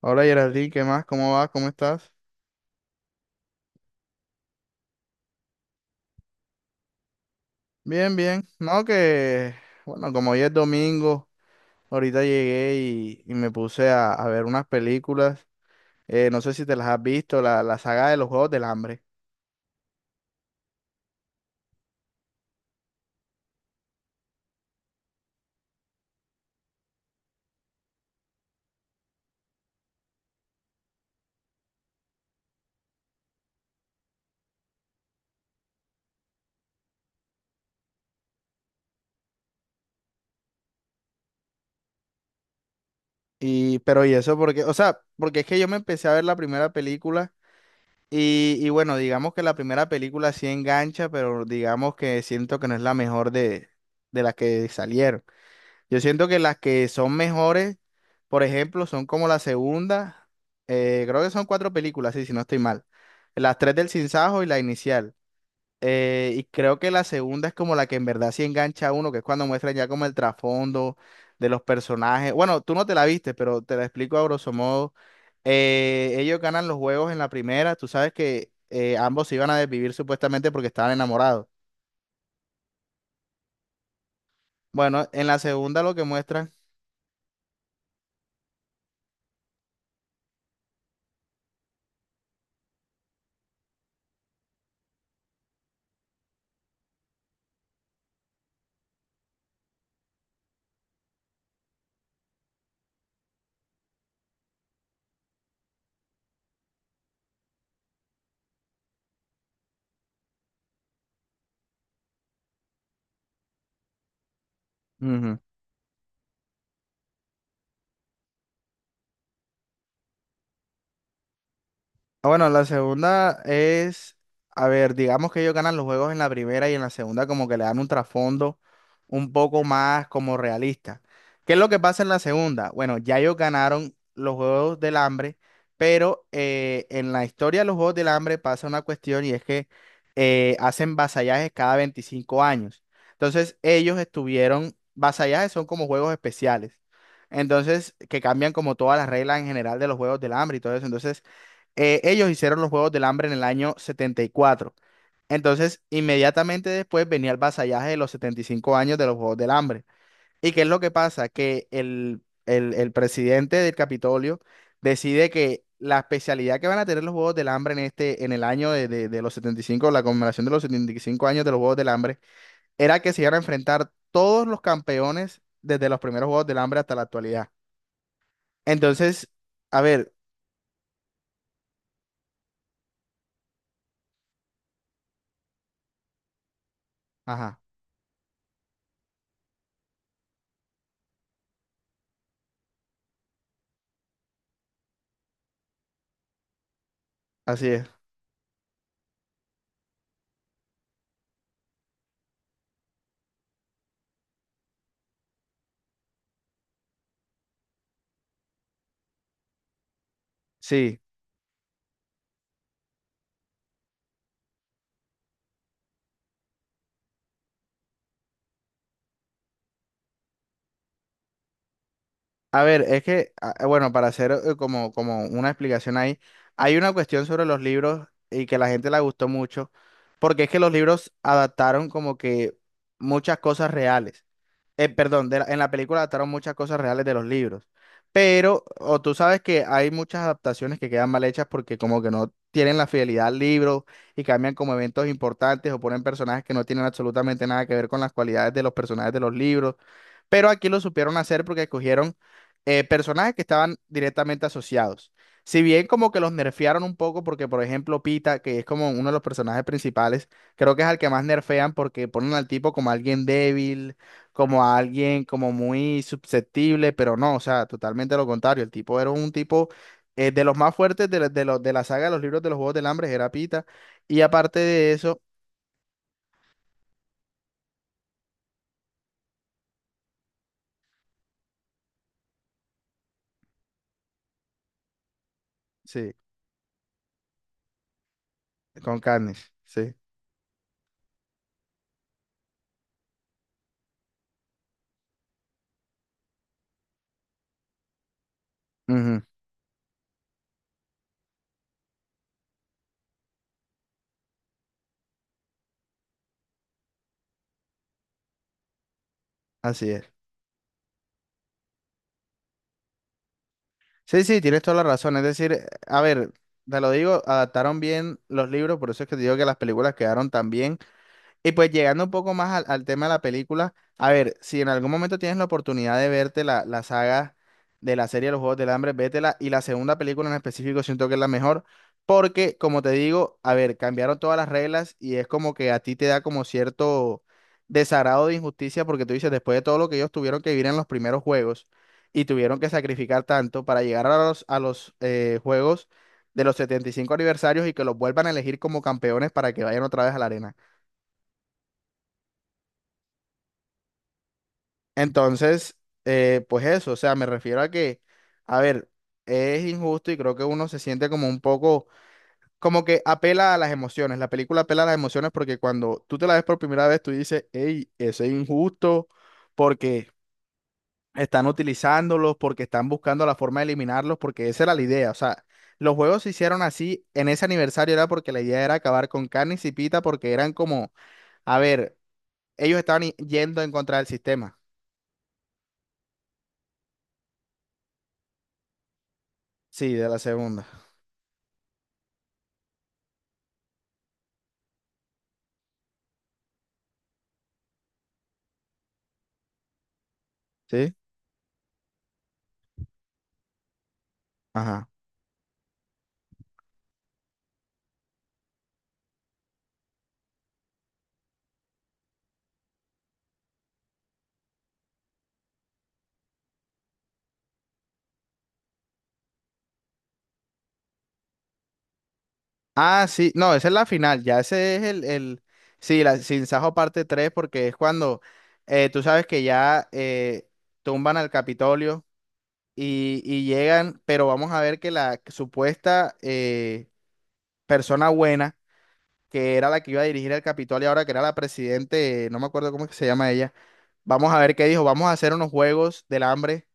Hola Geraldine, ¿qué más? ¿Cómo vas? ¿Cómo estás? Bien, bien. No, que, bueno, como hoy es domingo, ahorita llegué y me puse a ver unas películas. No sé si te las has visto, la saga de los Juegos del Hambre. Pero eso porque, o sea, porque es que yo me empecé a ver la primera película y bueno, digamos que la primera película sí engancha, pero digamos que siento que no es la mejor de las que salieron. Yo siento que las que son mejores, por ejemplo, son como la segunda. Creo que son cuatro películas, sí, si no estoy mal. Las tres del Sinsajo y la inicial. Y creo que la segunda es como la que en verdad sí engancha a uno, que es cuando muestran ya como el trasfondo de los personajes. Bueno, tú no te la viste, pero te la explico a grosso modo. Ellos ganan los juegos en la primera, tú sabes que ambos se iban a desvivir supuestamente porque estaban enamorados. Bueno, en la segunda lo que muestran... Ujú. Ah, bueno, la segunda es, a ver, digamos que ellos ganan los juegos en la primera y en la segunda como que le dan un trasfondo un poco más como realista. ¿Qué es lo que pasa en la segunda? Bueno, ya ellos ganaron los Juegos del Hambre, pero en la historia de los Juegos del Hambre pasa una cuestión y es que hacen vasallajes cada 25 años. Entonces ellos estuvieron, vasallajes son como juegos especiales. Entonces, que cambian como todas las reglas en general de los Juegos del Hambre y todo eso. Entonces, ellos hicieron los Juegos del Hambre en el año 74, entonces, inmediatamente después venía el vasallaje de los 75 años de los Juegos del Hambre. ¿Y qué es lo que pasa? Que el presidente del Capitolio decide que la especialidad que van a tener los Juegos del Hambre en este, en el año de los 75, la conmemoración de los 75 años de los Juegos del Hambre, era que se iban a enfrentar todos los campeones desde los primeros Juegos del Hambre hasta la actualidad. Entonces, a ver, ajá, así es. Sí. A ver, es que, bueno, para hacer como, como una explicación ahí, hay una cuestión sobre los libros y que la gente la gustó mucho, porque es que los libros adaptaron como que muchas cosas reales. Perdón, en la película adaptaron muchas cosas reales de los libros, pero, o tú sabes que hay muchas adaptaciones que quedan mal hechas porque como que no tienen la fidelidad al libro y cambian como eventos importantes o ponen personajes que no tienen absolutamente nada que ver con las cualidades de los personajes de los libros. Pero aquí lo supieron hacer porque escogieron personajes que estaban directamente asociados. Si bien como que los nerfearon un poco porque, por ejemplo, Pita, que es como uno de los personajes principales, creo que es al que más nerfean porque ponen al tipo como alguien débil, como a alguien como muy susceptible, pero no, o sea, totalmente lo contrario. El tipo era un tipo de los más fuertes de la saga de los libros de los Juegos del Hambre, era Pita. Y aparte de eso, sí, con carnes, sí. Ujú, así es. Sí, sí, tienes toda la razón. Es decir, a ver, te lo digo, adaptaron bien los libros, por eso es que te digo que las películas quedaron también y pues llegando un poco más al, al tema de la película, a ver, si en algún momento tienes la oportunidad de verte la saga de la serie de los Juegos del Hambre, vétela. Y la segunda película en específico siento que es la mejor, porque como te digo, a ver, cambiaron todas las reglas y es como que a ti te da como cierto desagrado de injusticia, porque tú dices, después de todo lo que ellos tuvieron que vivir en los primeros juegos y tuvieron que sacrificar tanto para llegar a los juegos de los 75 aniversarios y que los vuelvan a elegir como campeones para que vayan otra vez a la arena. Entonces, pues eso, o sea, me refiero a que, a ver, es injusto y creo que uno se siente como un poco, como que apela a las emociones, la película apela a las emociones porque cuando tú te la ves por primera vez, tú dices, hey, eso es injusto porque están utilizándolos, porque están buscando la forma de eliminarlos, porque esa era la idea, o sea, los juegos se hicieron así en ese aniversario era porque la idea era acabar con Carne y Pita porque eran como, a ver, ellos estaban yendo en contra del sistema, sí, de la segunda. ¿Sí? Ajá. Ah, sí, no, esa es la final, ya ese es el, sí, la Sin Sajo parte tres, porque es cuando tú sabes que ya tumban al Capitolio y llegan, pero vamos a ver que la supuesta persona buena, que era la que iba a dirigir el Capitolio ahora, que era la presidente, no me acuerdo cómo es que se llama ella, vamos a ver qué dijo, vamos a hacer unos juegos del hambre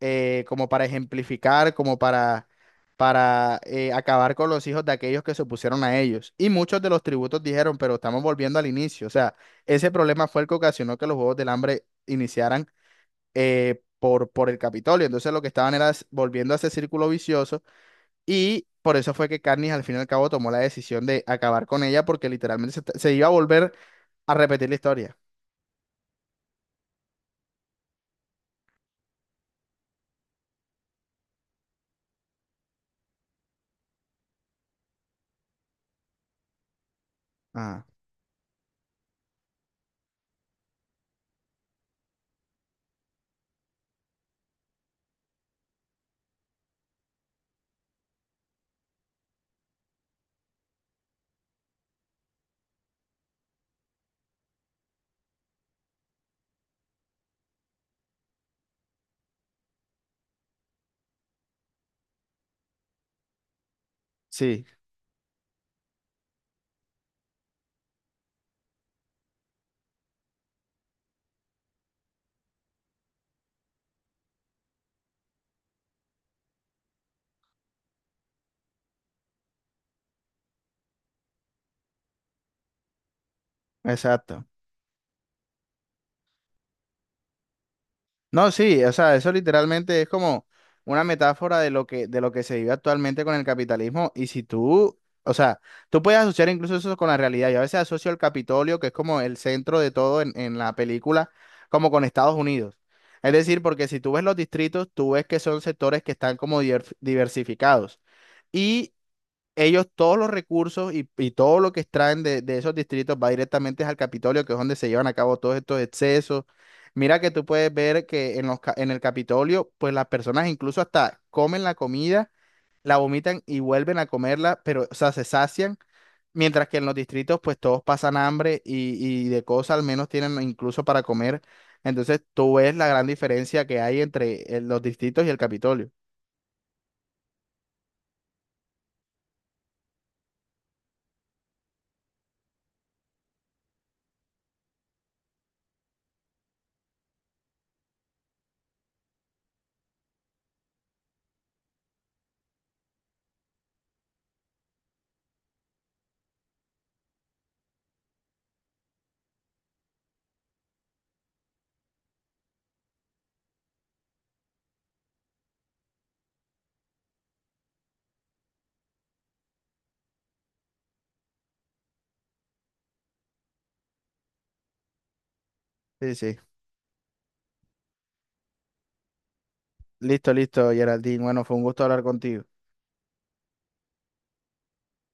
como para ejemplificar, como para acabar con los hijos de aquellos que se opusieron a ellos. Y muchos de los tributos dijeron, pero estamos volviendo al inicio. O sea, ese problema fue el que ocasionó que los Juegos del Hambre iniciaran por el Capitolio. Entonces lo que estaban era volviendo a ese círculo vicioso y... Por eso fue que Carnes al fin y al cabo tomó la decisión de acabar con ella porque literalmente se iba a volver a repetir la historia. Ah, sí, exacto. No, sí, o sea, eso literalmente es como una metáfora de lo que se vive actualmente con el capitalismo. Y si tú, o sea, tú puedes asociar incluso eso con la realidad. Yo a veces asocio el Capitolio, que es como el centro de todo en la película, como con Estados Unidos. Es decir, porque si tú ves los distritos, tú ves que son sectores que están como diversificados. Y ellos todos los recursos y todo lo que extraen de esos distritos va directamente al Capitolio, que es donde se llevan a cabo todos estos excesos. Mira que tú puedes ver que en los, en el Capitolio, pues las personas incluso hasta comen la comida, la vomitan y vuelven a comerla, pero, o sea, se sacian, mientras que en los distritos, pues todos pasan hambre y de cosas al menos tienen incluso para comer. Entonces tú ves la gran diferencia que hay entre los distritos y el Capitolio. Sí, sí. Listo, listo, Geraldine. Bueno, fue un gusto hablar contigo.